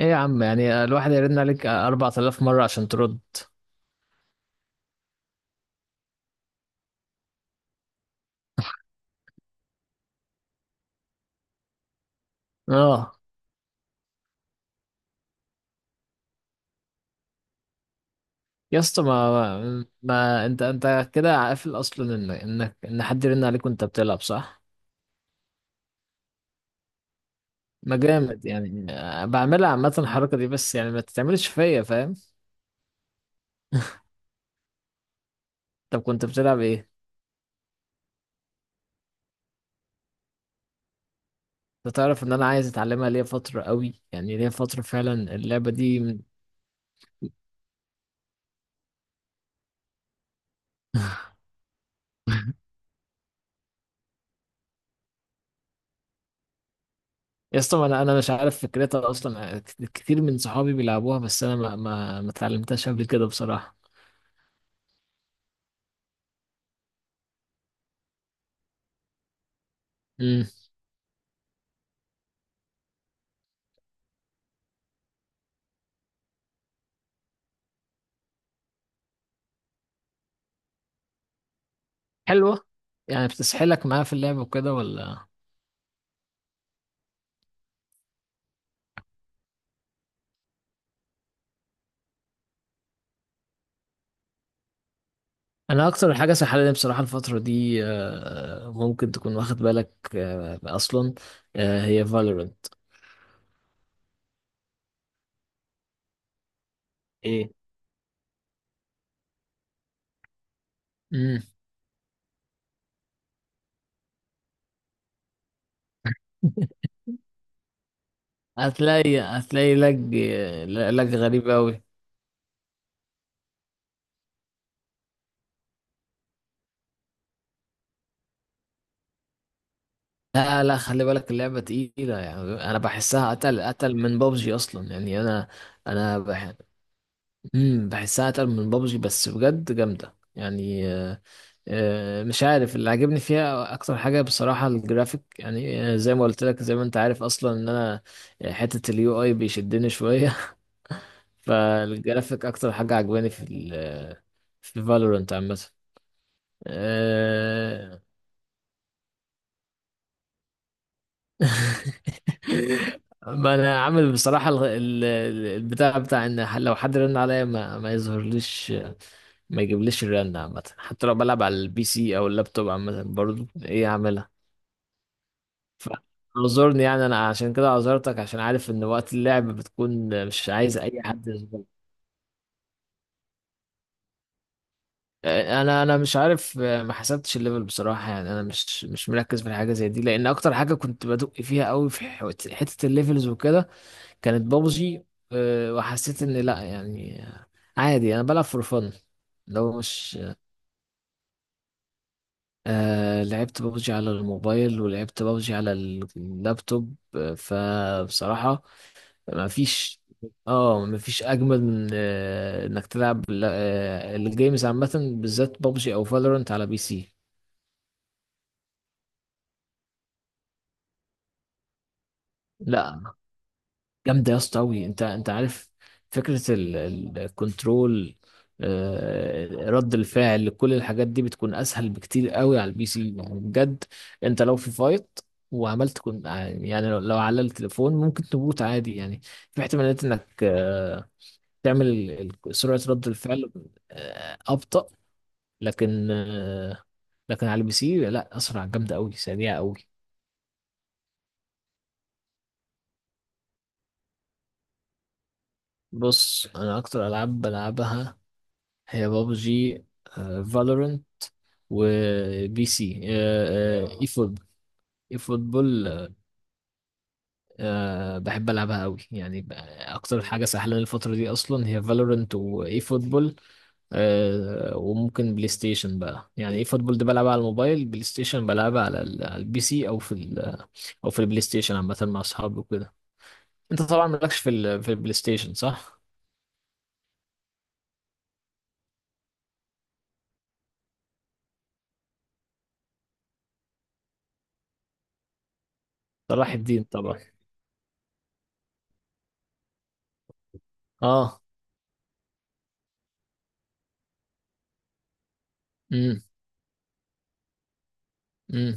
ايه يا عم، يعني الواحد يرن عليك 4000 مرة عشان ترد؟ اه. يا اسطى ما انت كده قافل اصلا ان حد يرن عليك وانت بتلعب، صح؟ ما جامد يعني. بعملها عامة الحركة دي، بس يعني ما تتعملش فيا، فاهم؟ طب كنت بتلعب ايه؟ انت تعرف ان انا عايز اتعلمها ليا فترة قوي، يعني ليا فترة فعلا اللعبة دي يا اسطى ما انا مش عارف فكرتها اصلا. كتير من صحابي بيلعبوها، بس انا ما اتعلمتهاش قبل كده بصراحة. حلوة. يعني بتسحلك معاه في اللعب وكده ولا؟ انا اكتر حاجة سحلاني بصراحة الفترة دي، ممكن تكون واخد بالك، آه، اصلا آه، هي فالورنت. ايه؟ امم. هتلاقي لج. لج غريب أوي. لا لا، خلي بالك اللعبة تقيلة، يعني أنا بحسها أتقل من بابجي أصلا. يعني أنا أنا بح... مم، بحسها أتقل من بابجي، بس بجد جامدة يعني. مش عارف اللي عجبني فيها اكتر حاجه بصراحه الجرافيك، يعني زي ما قلت لك، زي ما انت عارف اصلا ان انا، حته اليو اي بيشدني شويه. فالجرافيك اكتر حاجه عجباني في ال آه، في فالورنت عامه. آه. ما انا عامل بصراحه البتاع بتاع لو حد رن عليا ما يظهرليش، ما يجيبليش الرن عامه، حتى لو بلعب على البي سي او اللابتوب عامه برضه ايه، اعملها. اعذرني يعني، انا عشان كده عذرتك، عشان عارف ان وقت اللعب بتكون مش عايز اي حد يظبط. انا مش عارف، ما حسبتش الليفل بصراحه. يعني انا مش مركز في الحاجه زي دي، لان اكتر حاجه كنت بدق فيها قوي في حته الليفلز وكده كانت بابجي. أه، وحسيت ان لا يعني، عادي انا بلعب فور فن، لو مش، آه لعبت بابجي على الموبايل ولعبت بابجي على اللابتوب. فبصراحة ما فيش، اه ما فيش اجمل من، انك تلعب الجيمز عامه، بالذات بابجي او فالورنت على بي سي. لا جامده يا اسطى قوي. انت عارف فكره الكنترول، رد الفعل، كل الحاجات دي بتكون اسهل بكتير قوي على البي سي يعني بجد. انت لو في فايت وعملت كن، يعني لو على التليفون ممكن تموت عادي، يعني في احتمالات انك تعمل سرعه رد الفعل، ابطأ. لكن آه، لكن على البي سي لا، اسرع، جامده قوي، سريعه قوي. بص انا اكتر العاب بلعبها هي بابجي، فالورنت، وبي سي، اي فوتبول. اي فوتبول بحب العبها قوي يعني. اكتر حاجه سهله الفتره دي اصلا هي فالورنت واي فوتبول، وممكن بلاي ستيشن بقى. يعني اي فوتبول ده بلعبها على الموبايل، بلاي ستيشن بلعبها على على البي سي او في او في البلاي ستيشن عامه مع اصحابي وكده. انت طبعا مالكش في ال... في البلاي ستيشن، صح؟ صلاح الدين طبعا. اه. امم. امم.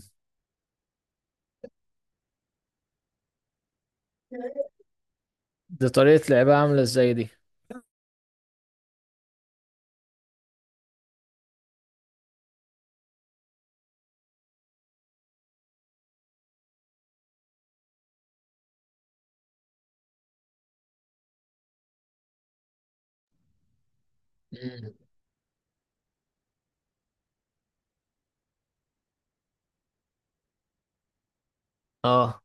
دي طريقة لعبها عاملة ازاي دي؟ امم. اه.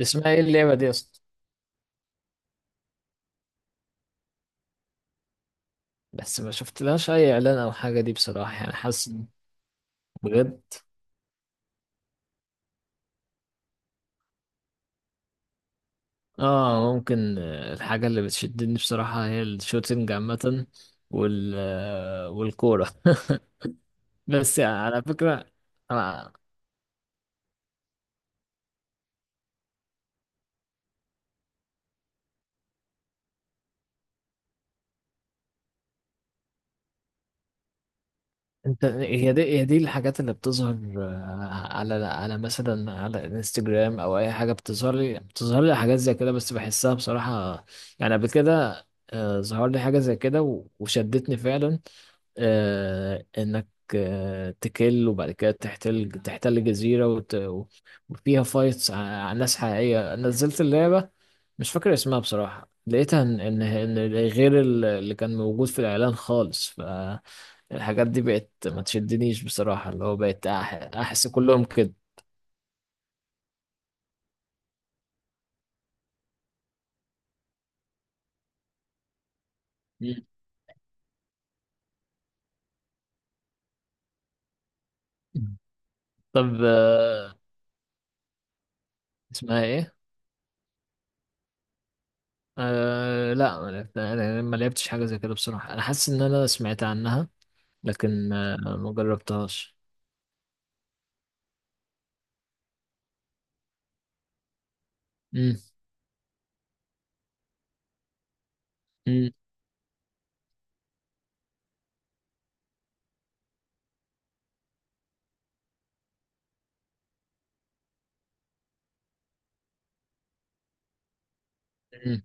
اسمها ايه اللعبة دي اصلا؟ بس ما شفتلهاش اي اعلان او حاجة دي بصراحة، يعني حاسس إن، بجد. اه ممكن. الحاجة اللي بتشدني بصراحة هي الشوتينج عامة والكورة. بس يعني على فكرة أنا، انت هي دي الحاجات اللي بتظهر، على مثلا على انستجرام او اي حاجه بتظهر لي، بتظهر لي حاجات زي كده بس بحسها بصراحه، يعني قبل كده ظهر لي حاجه زي كده وشدتني فعلا. آه، انك آه، تكل، وبعد كده تحتل جزيره وفيها فايتس على ناس حقيقيه نزلت اللعبه. مش فاكر اسمها بصراحة. لقيتها ان غير اللي كان موجود في الاعلان خالص، فالحاجات دي بقت ما تشدنيش بصراحة، اللي هو بقت احس كلهم كده. مم. طب اسمها ايه؟ أه لا، ما لعبت- انا ما لعبتش حاجة زي كده بصراحة، انا حاسس ان انا سمعت عنها، لكن ما جربتهاش. مم. مم. مم.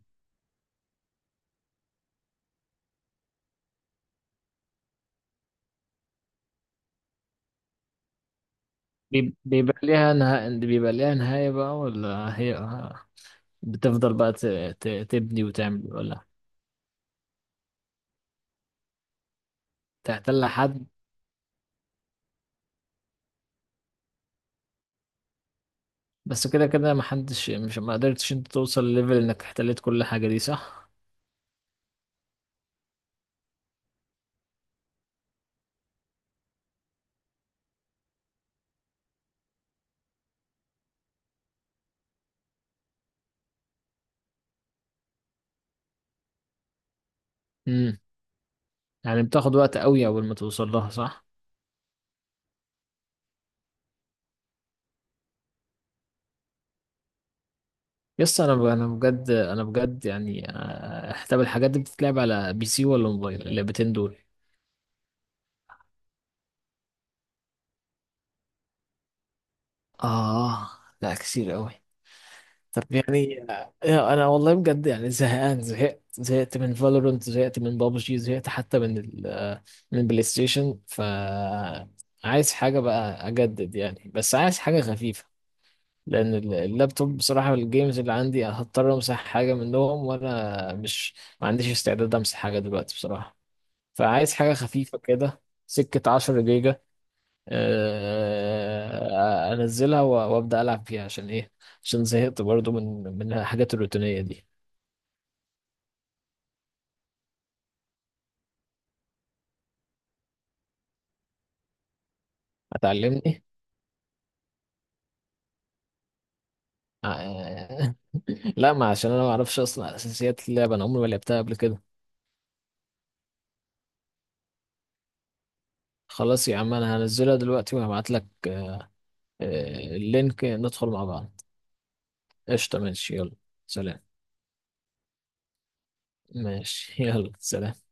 بيبقى ليها نها... بيبقى ليها نهاية بقى ولا هي بتفضل بقى ت... ت... تبني وتعمل ولا تحتل حد؟ بس كده كده محدش، مش ما قدرتش انت توصل لليفل انك احتليت كل حاجة دي، صح؟ امم. يعني بتاخد وقت قوي اول ما توصل لها، صح؟ يس. انا بجد يعني، طب الحاجات دي بتتلعب على بي سي ولا موبايل اللعبتين دول؟ آه. لا كتير قوي. طب يعني، أنا والله بجد يعني زهقان، زهقت من فالورنت، زهقت من بابجي، زهقت حتى من ال آه، من بلاي ستيشن، ف عايز حاجة بقى أجدد يعني، بس عايز حاجة خفيفة، لان اللابتوب بصراحه الجيمز اللي عندي هضطر امسح حاجه منهم، وانا مش، ما عنديش استعداد امسح حاجه دلوقتي بصراحه. فعايز حاجه خفيفه كده، سكه 10 جيجا، انزلها وابدا العب فيها. عشان ايه؟ عشان زهقت برضو من الحاجات الروتينيه دي. هتعلمني؟ آه، لا، ما عشان انا ما اعرفش اصلا اساسيات اللعبه، انا عمري ما لعبتها قبل كده. خلاص يا عم، انا هنزلها دلوقتي وهبعت لك اللينك، ندخل مع بعض. قشطة، ماشي، يلا سلام. ماشي يلا سلام.